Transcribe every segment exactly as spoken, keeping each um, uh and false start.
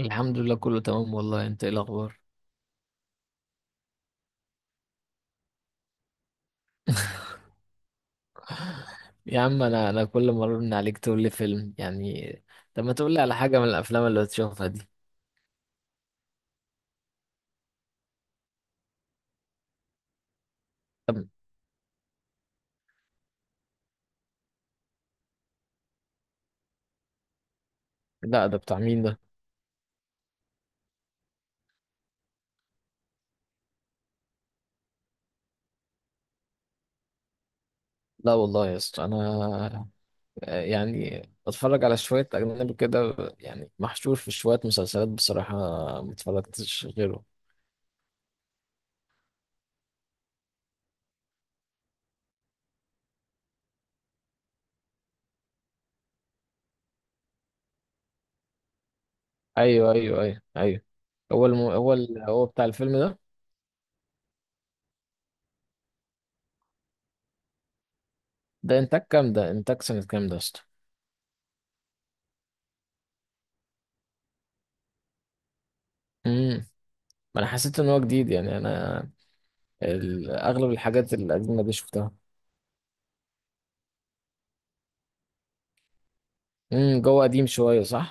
الحمد لله، كله تمام والله. انت ايه الاخبار؟ يا عم، انا انا كل مره من عليك تقول لي فيلم يعني. طب ما تقول لي على حاجه من الافلام اللي بتشوفها دي. طب، لا ده بتاع مين ده؟ لا والله يا اسطى، انا يعني بتفرج على شويه اجنبي كده، يعني محشور في شويه مسلسلات بصراحه، ما اتفرجتش غيره. ايوه، ايوه، ايوه، ايوه. هو الم... هو ال... هو بتاع الفيلم ده؟ ده انتاج كام ده انتاج سنه كام ده يا اسطى؟ امم. ما انا حسيت ان هو جديد يعني، انا ال- اغلب الحاجات الاجنبي شفتها. امم، جوه قديم شويه، صح؟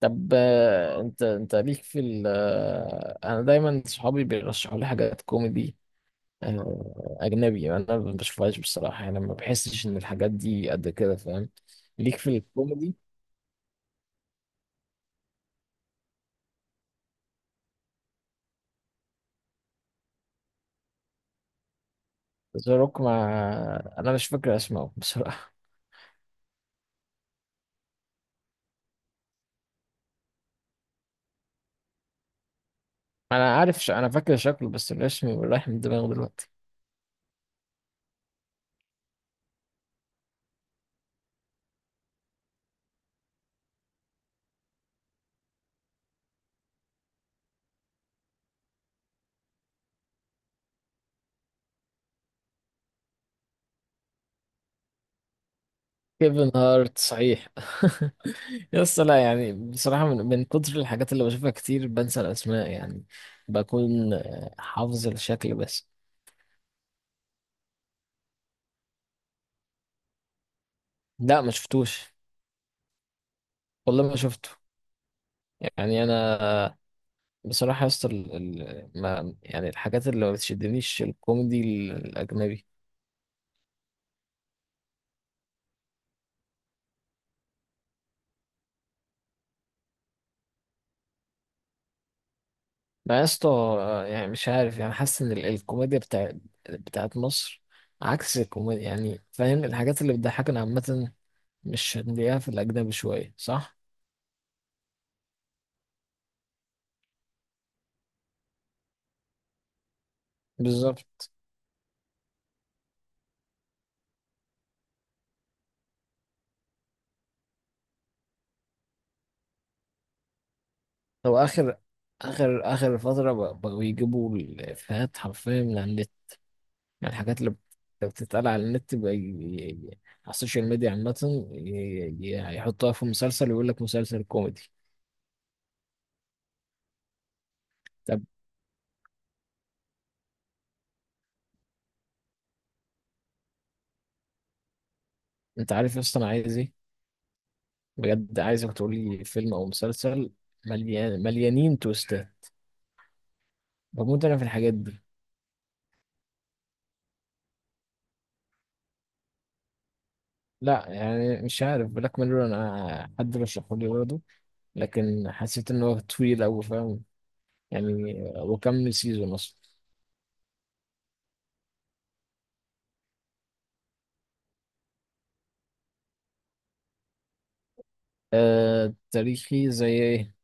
طب، آه، انت انت ليك في ال آه، انا دايما صحابي بيرشحوا لي حاجات كوميدي. آه، اجنبي، انا ما بشوفهاش بصراحه، يعني ما بحسش ان الحاجات دي قد كده، فاهم؟ ليك في الكوميدي. ذا روك مع. انا مش فاكر اسمه بصراحه. انا عارف ش... انا فاكر شكله بس الاسم رايح من دماغي دلوقتي. كيفن هارت، صحيح. يس لا يعني، بصراحة من, من كتر الحاجات اللي بشوفها كتير، بنسى الأسماء يعني. بكون آه، حافظ الشكل بس. لا، ما شفتوش. والله ما شفته. يعني أنا. بصراحة يس ال... ال- ما يعني الحاجات اللي ما بتشدنيش الكوميدي الأجنبي. ما يس. يعني مش عارف، يعني حاسس إن ال- الكوميديا بتاع... بتاعت مصر، عكس الكوميديا يعني، فاهم؟ الحاجات اللي بتضحكنا عامة مش هنلاقيها في الأجنبي شوية، صح؟ بالظبط. هو اخر اخر اخر فتره ب- بقوا يجيبوا الافيهات حرفيا من على النت. يعني الحاجات اللي بت- بتتقال على النت بقى ي- ي- ي- على السوشيال ميديا عامه، ي- ي- يحطوها في مسلسل ويقول لك مسلسل كوميدي. طب. انت عارف اصلا انا عايز ايه؟ بجد عايزك تقول لي فيلم او مسلسل، مليان مليانين تويستات. بموت انا في الحاجات دي. لا يعني، مش عارف بلاك ميرور، انا حد رشحه لي برضه، لكن حسيت ان هو طويل قوي، فاهم؟ يعني وكمل سيزون اصلا. آه، تاريخي زي ايه؟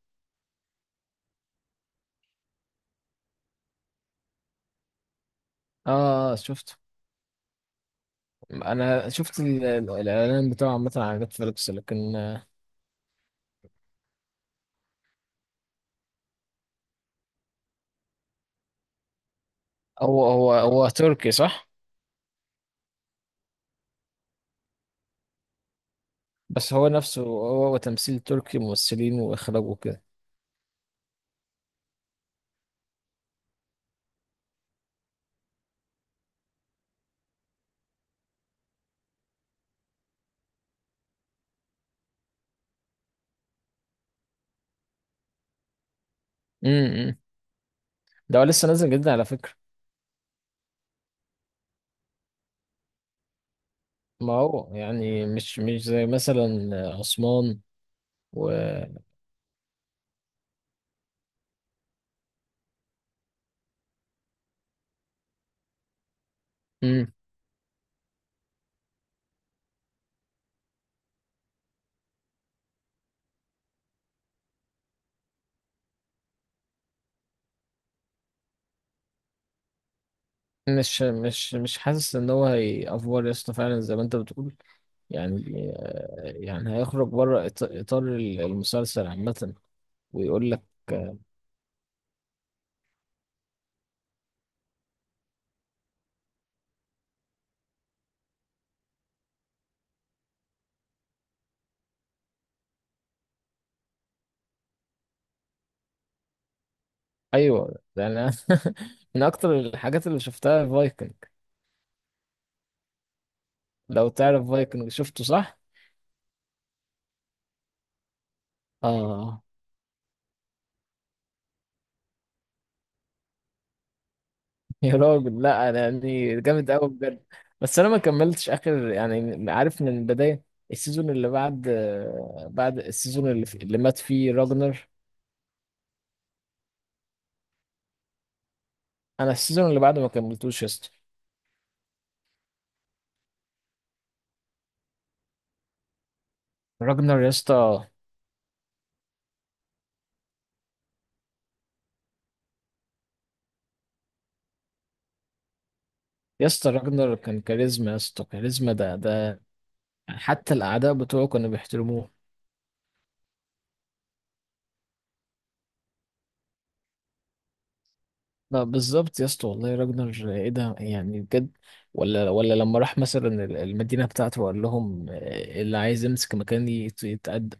اه شفته. انا شفت ال- ال- الاعلان بتاعه عامه على نتفليكس، لكن آه، هو هو هو تركي، صح؟ بس هو نفسه، هو, هو تمثيل تركي، ممثلين واخراج وكده. امم. ده هو لسه نازل جدا على فكره. ما هو يعني مش مش زي مثلا آه، عثمان و... مم. مش مش مش حاسس ان هو هيأفور يا اسطى، فعلا زي ما انت بتقول يعني يعني هيخرج بره إط- إطار المسلسل عامة، ويقول لك. أيوه، ده أنا. من أكتر الحاجات اللي شفتها فايكنج. لو تعرف فايكنج، شفته صح؟ آه. يا راجل، لا أنا يعني جامد أوي بجد. بس أنا ما كملتش آخر يعني، عارف من البداية السيزون اللي بعد، بعد السيزون اللي, اللي مات فيه راجنر. أنا السيزون اللي بعده ما كملتوش يا اسطى. راجنر يا اسطى. يا اسطى، راجنر كان كاريزما يا اسطى، كاريزما، ده ده حتى الأعداء بتوعه كانوا بيحترموه. لا بالظبط يا اسطى، والله راجنر ايه ده يعني، بجد. ولا ولا لما راح مثلا ال- المدينة بتاعته وقال لهم، آه، اللي عايز يمسك مكاني يت- يتقدم.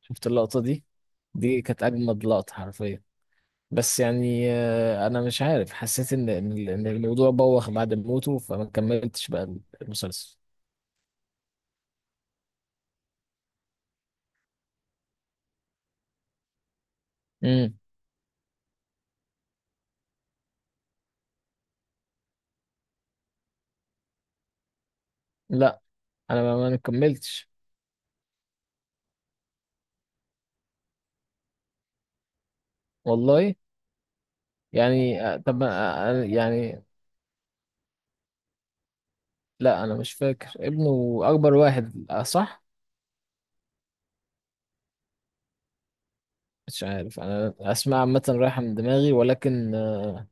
شفت اللقطة دي؟ دي كانت أجمد لقطة حرفيا. بس يعني، آه، أنا مش عارف، حسيت إن إن ال- إن الموضوع بوخ بعد موته، فما كملتش بقى المسلسل. امم. لا أنا ما ما كملتش. والله. يعني آه، طب ما- آه، يعني. لا انا مش فاكر، ابنه اكبر واحد آه، صح. مش عارف انا، اسماء عامه رايحه من دماغي، ولكن آه،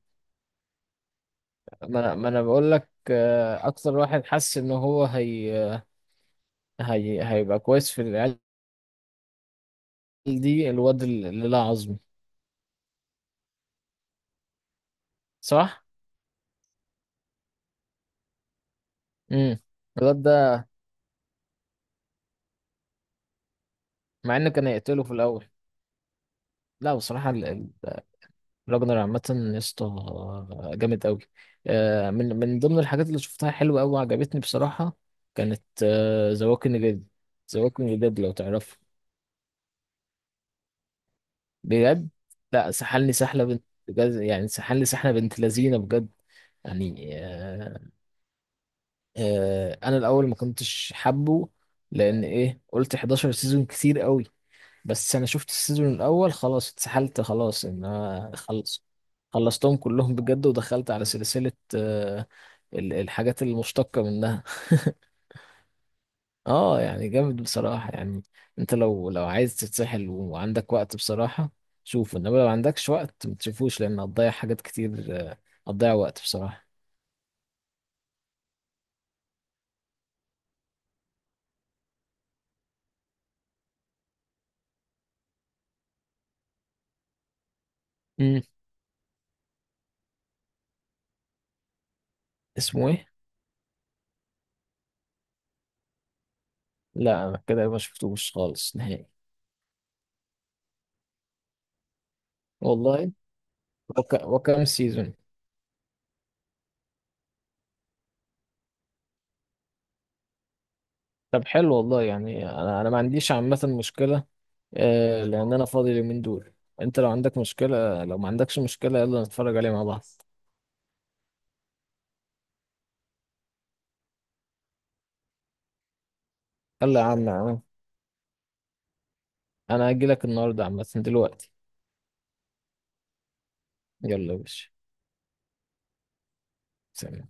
ما انا ما انا بقول لك آه، اكتر واحد حس ان هو هي آه، هي هيبقى كويس في العيال. دي الواد اللي لا عظم. صح. امم. الواد ده. مع انه كان هيقتله في الاول. لا بصراحه، ال- ال- راجنر عامه، يا اسطى آه، جامد قوي. من من ضمن الحاجات اللي شفتها حلوه قوي وعجبتني بصراحه، كانت ذا ووكينج ديد. ذا ووكينج ديد لو تعرفه. بجد. لا سحلني سحلة بنت بجد، يعني سحلني سحلة بنت لذينة بجد. يعني آه آه انا الاول ما كنتش حابه، لان ايه، قلت حداشر سيزون كتير قوي. بس انا شفت السيزون الاول، خلاص اتسحلت، خلاص ان انا خلص. خلصتهم كلهم بجد، ودخلت على سلسلة آه ال- الحاجات المشتقة منها. اه يعني جامد بصراحة يعني. انت لو لو عايز تتسحل وعندك وقت بصراحة، شوفه. انما لو عندكش وقت ما تشوفوش، لان هتضيع حاجات كتير، آه، هتضيع وقت بصراحة. امم. اسمه ايه؟ لا انا كده ما شفتوش خالص نهائي. والله. وك... وكم سيزون؟ طب حلو والله يعني، انا انا ما عنديش عامة مشكلة، آه، لان انا فاضي اليومين دول. انت لو عندك مشكلة، لو ما عندكش مشكلة، يلا نتفرج عليه مع بعض. يلا يا عم، انا انا هجيلك النهاردة عامة دلوقتي. يلا يا باشا. سلام.